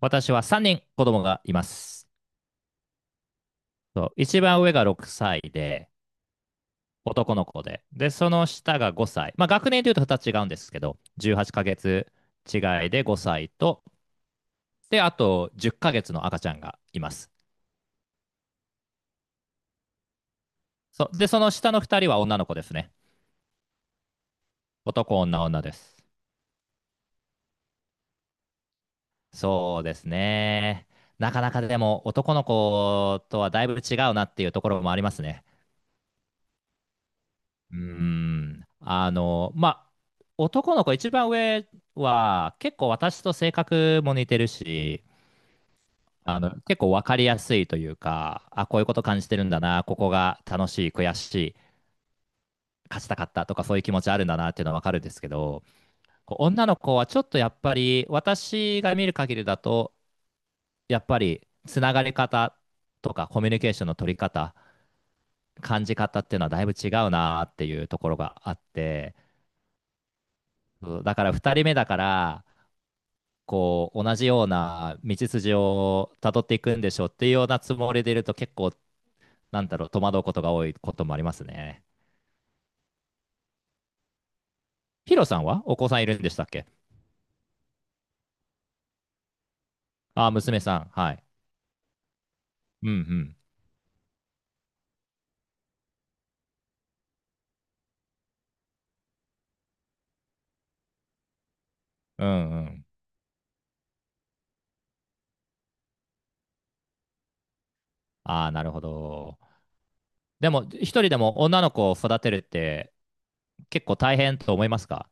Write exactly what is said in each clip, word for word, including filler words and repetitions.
私はさんにん子供がいます。そう、一番上がろくさいで、男の子で。で、その下がごさい。まあ、学年でいうとふたつ違うんですけど、じゅうはちかげつ違いでごさいと、で、あとじゅっかげつの赤ちゃんがいます。そうで、その下のふたりは女の子ですね。男、女、女です。そうですね。なかなかでも男の子とはだいぶ違うなっていうところもありますね。うーん。あの、まあ、男の子、一番上は結構私と性格も似てるし、あの、結構分かりやすいというか、あ、こういうこと感じてるんだな、ここが楽しい、悔しい、勝ちたかったとかそういう気持ちあるんだなっていうのは分かるんですけど、こう女の子はちょっとやっぱり私が見る限りだと、やっぱりつながり方とかコミュニケーションの取り方、感じ方っていうのはだいぶ違うなっていうところがあって、そうだから二人目だから、こう同じような道筋をたどっていくんでしょうっていうようなつもりでいると結構なんだろう、戸惑うことが多いこともありますね。ヒロさんはお子さんいるんでしたっけ？ああ、娘さん。はい。うんうん。うんうん。ああ、なるほど。でも、一人でも女の子を育てるって結構大変と思いますか？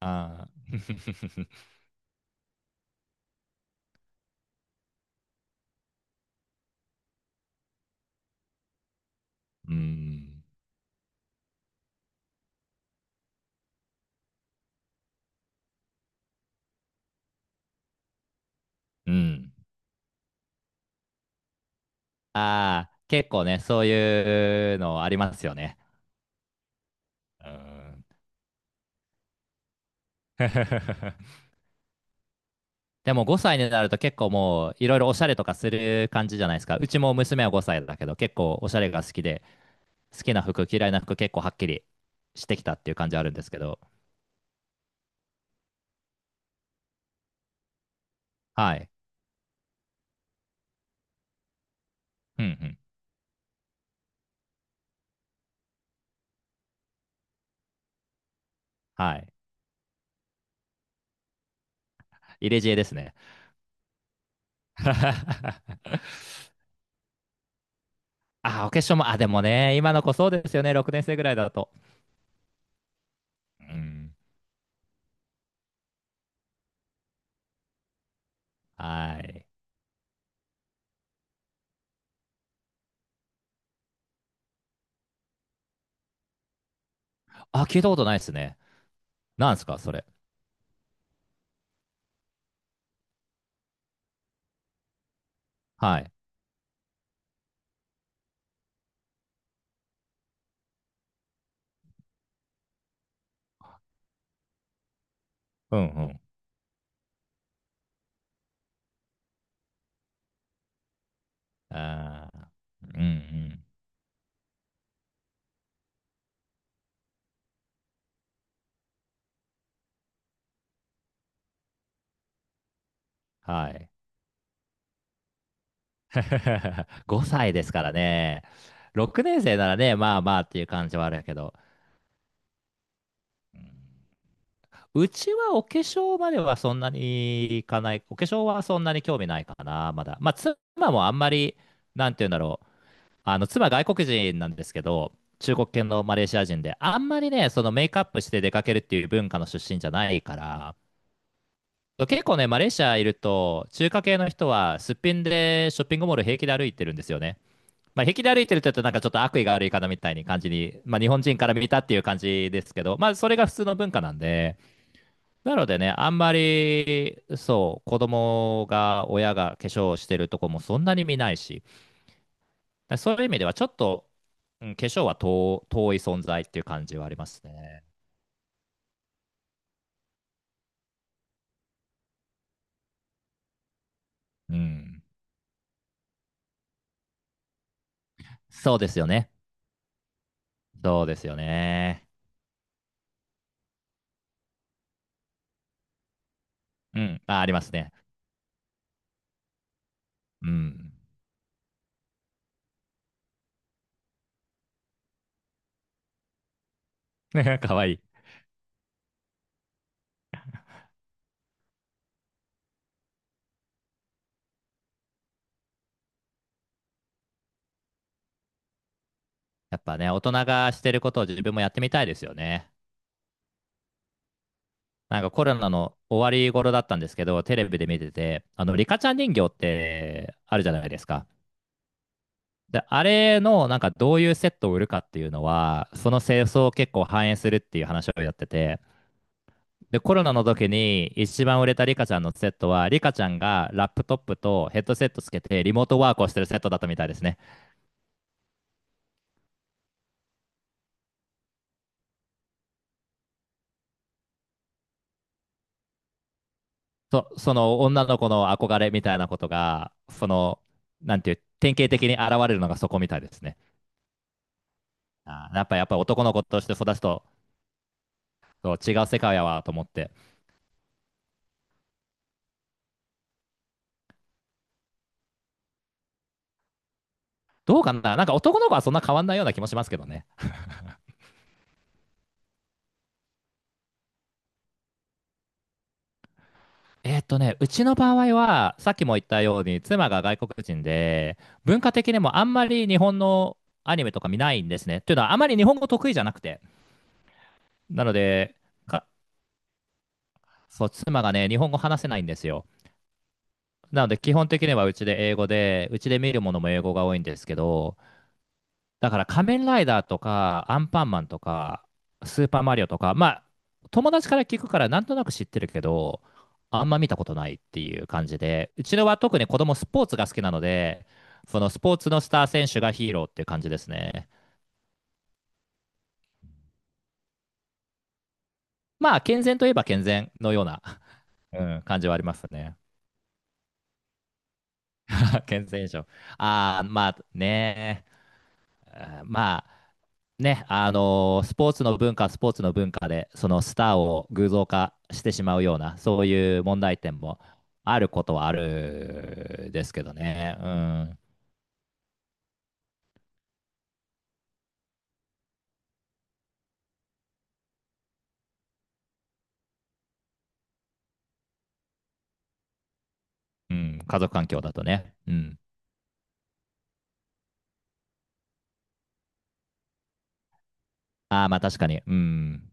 ああー。うん。うん。ああ、結構ね、そういうのありますよね。うん。でもごさいになると結構もういろいろおしゃれとかする感じじゃないですか。うちも娘はごさいだけど結構おしゃれが好きで、好きな服、嫌いな服結構はっきりしてきたっていう感じあるんですけど。はい。うんうん。はい。入れ知恵ですね。あ、お化粧も、あ、でもね、今の子そうですよね。ろくねん生ぐらいだと。うん。はい。あ、聞いたことないですね。なんですか、それ。はい。うんうん。あーうんうん。はい。ごさいですからね。ろくねん生ならね、まあまあっていう感じはあるけど。うちはお化粧まではそんなにいかない。お化粧はそんなに興味ないかな、まだ。まあ、妻もあんまり、なんて言うんだろう。あの、妻外国人なんですけど、中国系のマレーシア人で、あんまりね、そのメイクアップして出かけるっていう文化の出身じゃないから、結構ね、マレーシアいると、中華系の人はすっぴんでショッピングモール平気で歩いてるんですよね。まあ、平気で歩いてるって言うとなんかちょっと悪意がある言い方みたいに感じに、まあ、日本人から見たっていう感じですけど、まあ、それが普通の文化なんで、なのでね、あんまり、そう、子供が、親が化粧をしてるとこもそんなに見ないし、そういう意味ではちょっと、うん、化粧は遠、遠い存在っていう感じはありますね。うん。そうですよね。そうですよね。うん。あ、ありますね。うん。かわいい。やっぱね、大人がしてることを自分もやってみたいですよね。なんかコロナの終わり頃だったんですけど、テレビで見てて、あの、リカちゃん人形ってあるじゃないですか。で、あれのなんかどういうセットを売るかっていうのは、その清掃を結構反映するっていう話をやってて、で、コロナの時に一番売れたリカちゃんのセットは、リカちゃんがラップトップとヘッドセットつけてリモートワークをしてるセットだったみたいですね。そ、その女の子の憧れみたいなことが、その、なんていう、典型的に現れるのがそこみたいですね。あー、やっぱやっぱ男の子として育つと違う世界やわと思って。どうかな、なんか男の子はそんな変わんないような気もしますけどね。えーっとね、うちの場合は、さっきも言ったように、妻が外国人で、文化的にもあんまり日本のアニメとか見ないんですね。というのは、あまり日本語得意じゃなくて。なので、かそう、妻がね、日本語話せないんですよ。なので、基本的にはうちで英語で、うちで見るものも英語が多いんですけど、だから仮面ライダーとか、アンパンマンとか、スーパーマリオとか、まあ、友達から聞くからなんとなく知ってるけど、あんま見たことないっていう感じで、うちのは特に子供スポーツが好きなので、そのスポーツのスター選手がヒーローっていう感じですね。まあ、健全といえば健全のような、うん、感じはありますね。健全以上。ああ、まあね、あーまあ、ね、あのースポーツの文化、スポーツの文化で、そのスターを偶像化してしまうような、そういう問題点もあることはあるですけどね。うん。うん、家族環境だとね。うん。ああ、まあ確かに。うん。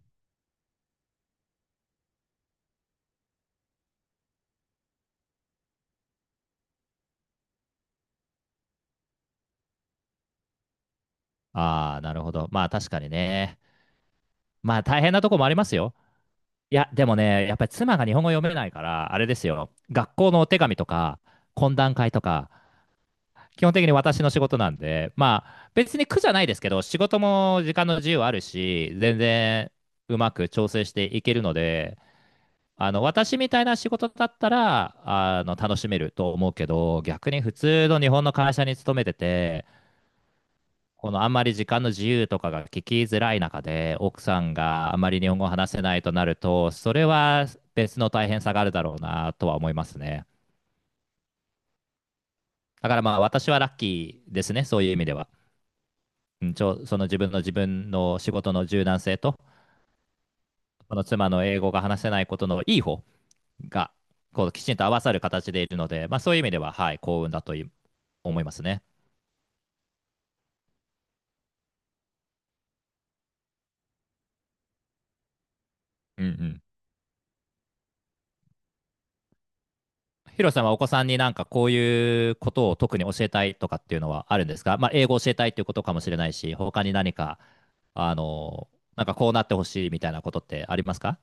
ああ、なるほど。まあ確かにね。まあ大変なとこもありますよ。いや、でもね、やっぱり妻が日本語読めないから、あれですよ。学校のお手紙とか、懇談会とか、基本的に私の仕事なんで、まあ、別に苦じゃないですけど、仕事も時間の自由あるし、全然うまく調整していけるので、あの私みたいな仕事だったらあの楽しめると思うけど、逆に普通の日本の会社に勤めてて、このあんまり時間の自由とかが聞きづらい中で、奥さんがあんまり日本語を話せないとなると、それは別の大変さがあるだろうなとは思いますね。だからまあ私はラッキーですね、そういう意味では。うん、ちょその自分の自分の仕事の柔軟性と、この妻の英語が話せないことのいい方が、こうきちんと合わさる形でいるので、まあ、そういう意味では、はい、幸運だとい思いますね。うんうん。ヒロさんはお子さんになんかこういうことを特に教えたいとかっていうのはあるんですか、まあ、英語を教えたいっていうことかもしれないし、他に何か、あの、なんかこうなってほしいみたいなことってありますか？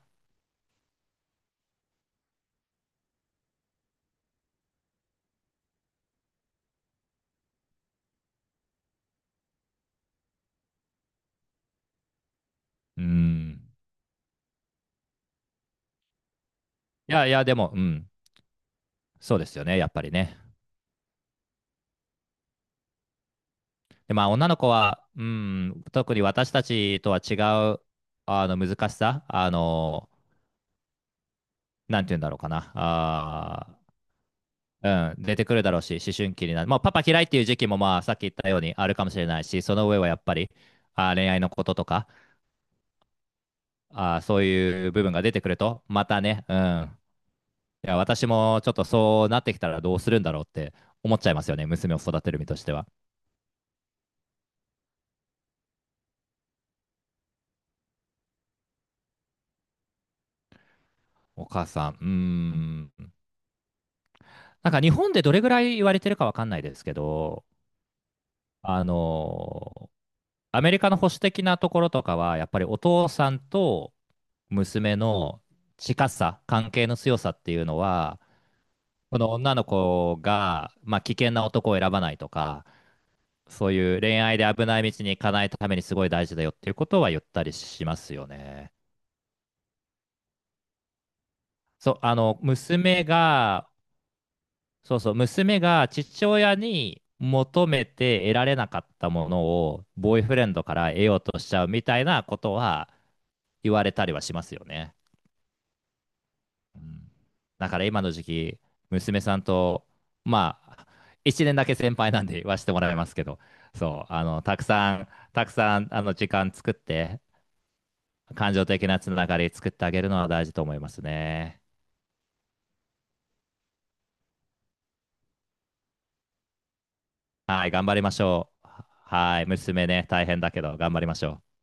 うん。いやいや、でも、うん、そうですよね、やっぱりね。で、まあ、女の子は、うん、特に私たちとは違う、あの、難しさ、あの、なんて言うんだろうかな。あー、うん、出てくるだろうし、思春期になる。まあ、パパ嫌いっていう時期も、まあ、さっき言ったようにあるかもしれないし、その上はやっぱり、あー、恋愛のこととか、あー、そういう部分が出てくると、またね、うん。いや、私もちょっとそうなってきたらどうするんだろうって思っちゃいますよね。娘を育てる身としては。お母さん、うーん。なんか日本でどれぐらい言われてるかわかんないですけど、あの、アメリカの保守的なところとかは、やっぱりお父さんと娘の近さ、関係の強さっていうのは、この女の子が、まあ、危険な男を選ばないとか、そういう恋愛で危ない道に行かないためにすごい大事だよっていうことは言ったりしますよね。そう、あの、娘が、そうそう、娘が父親に求めて得られなかったものを、ボーイフレンドから得ようとしちゃうみたいなことは、言われたりはしますよね。うん、だから今の時期、娘さんと、まあ、いちねんだけ先輩なんで言わせてもらいますけど、そう、あの、たくさん、たくさん、あの、時間作って、感情的なつながり作ってあげるのは大事と思いますね。はい、頑張りましょう。はい、娘ね、大変だけど、頑張りましょう。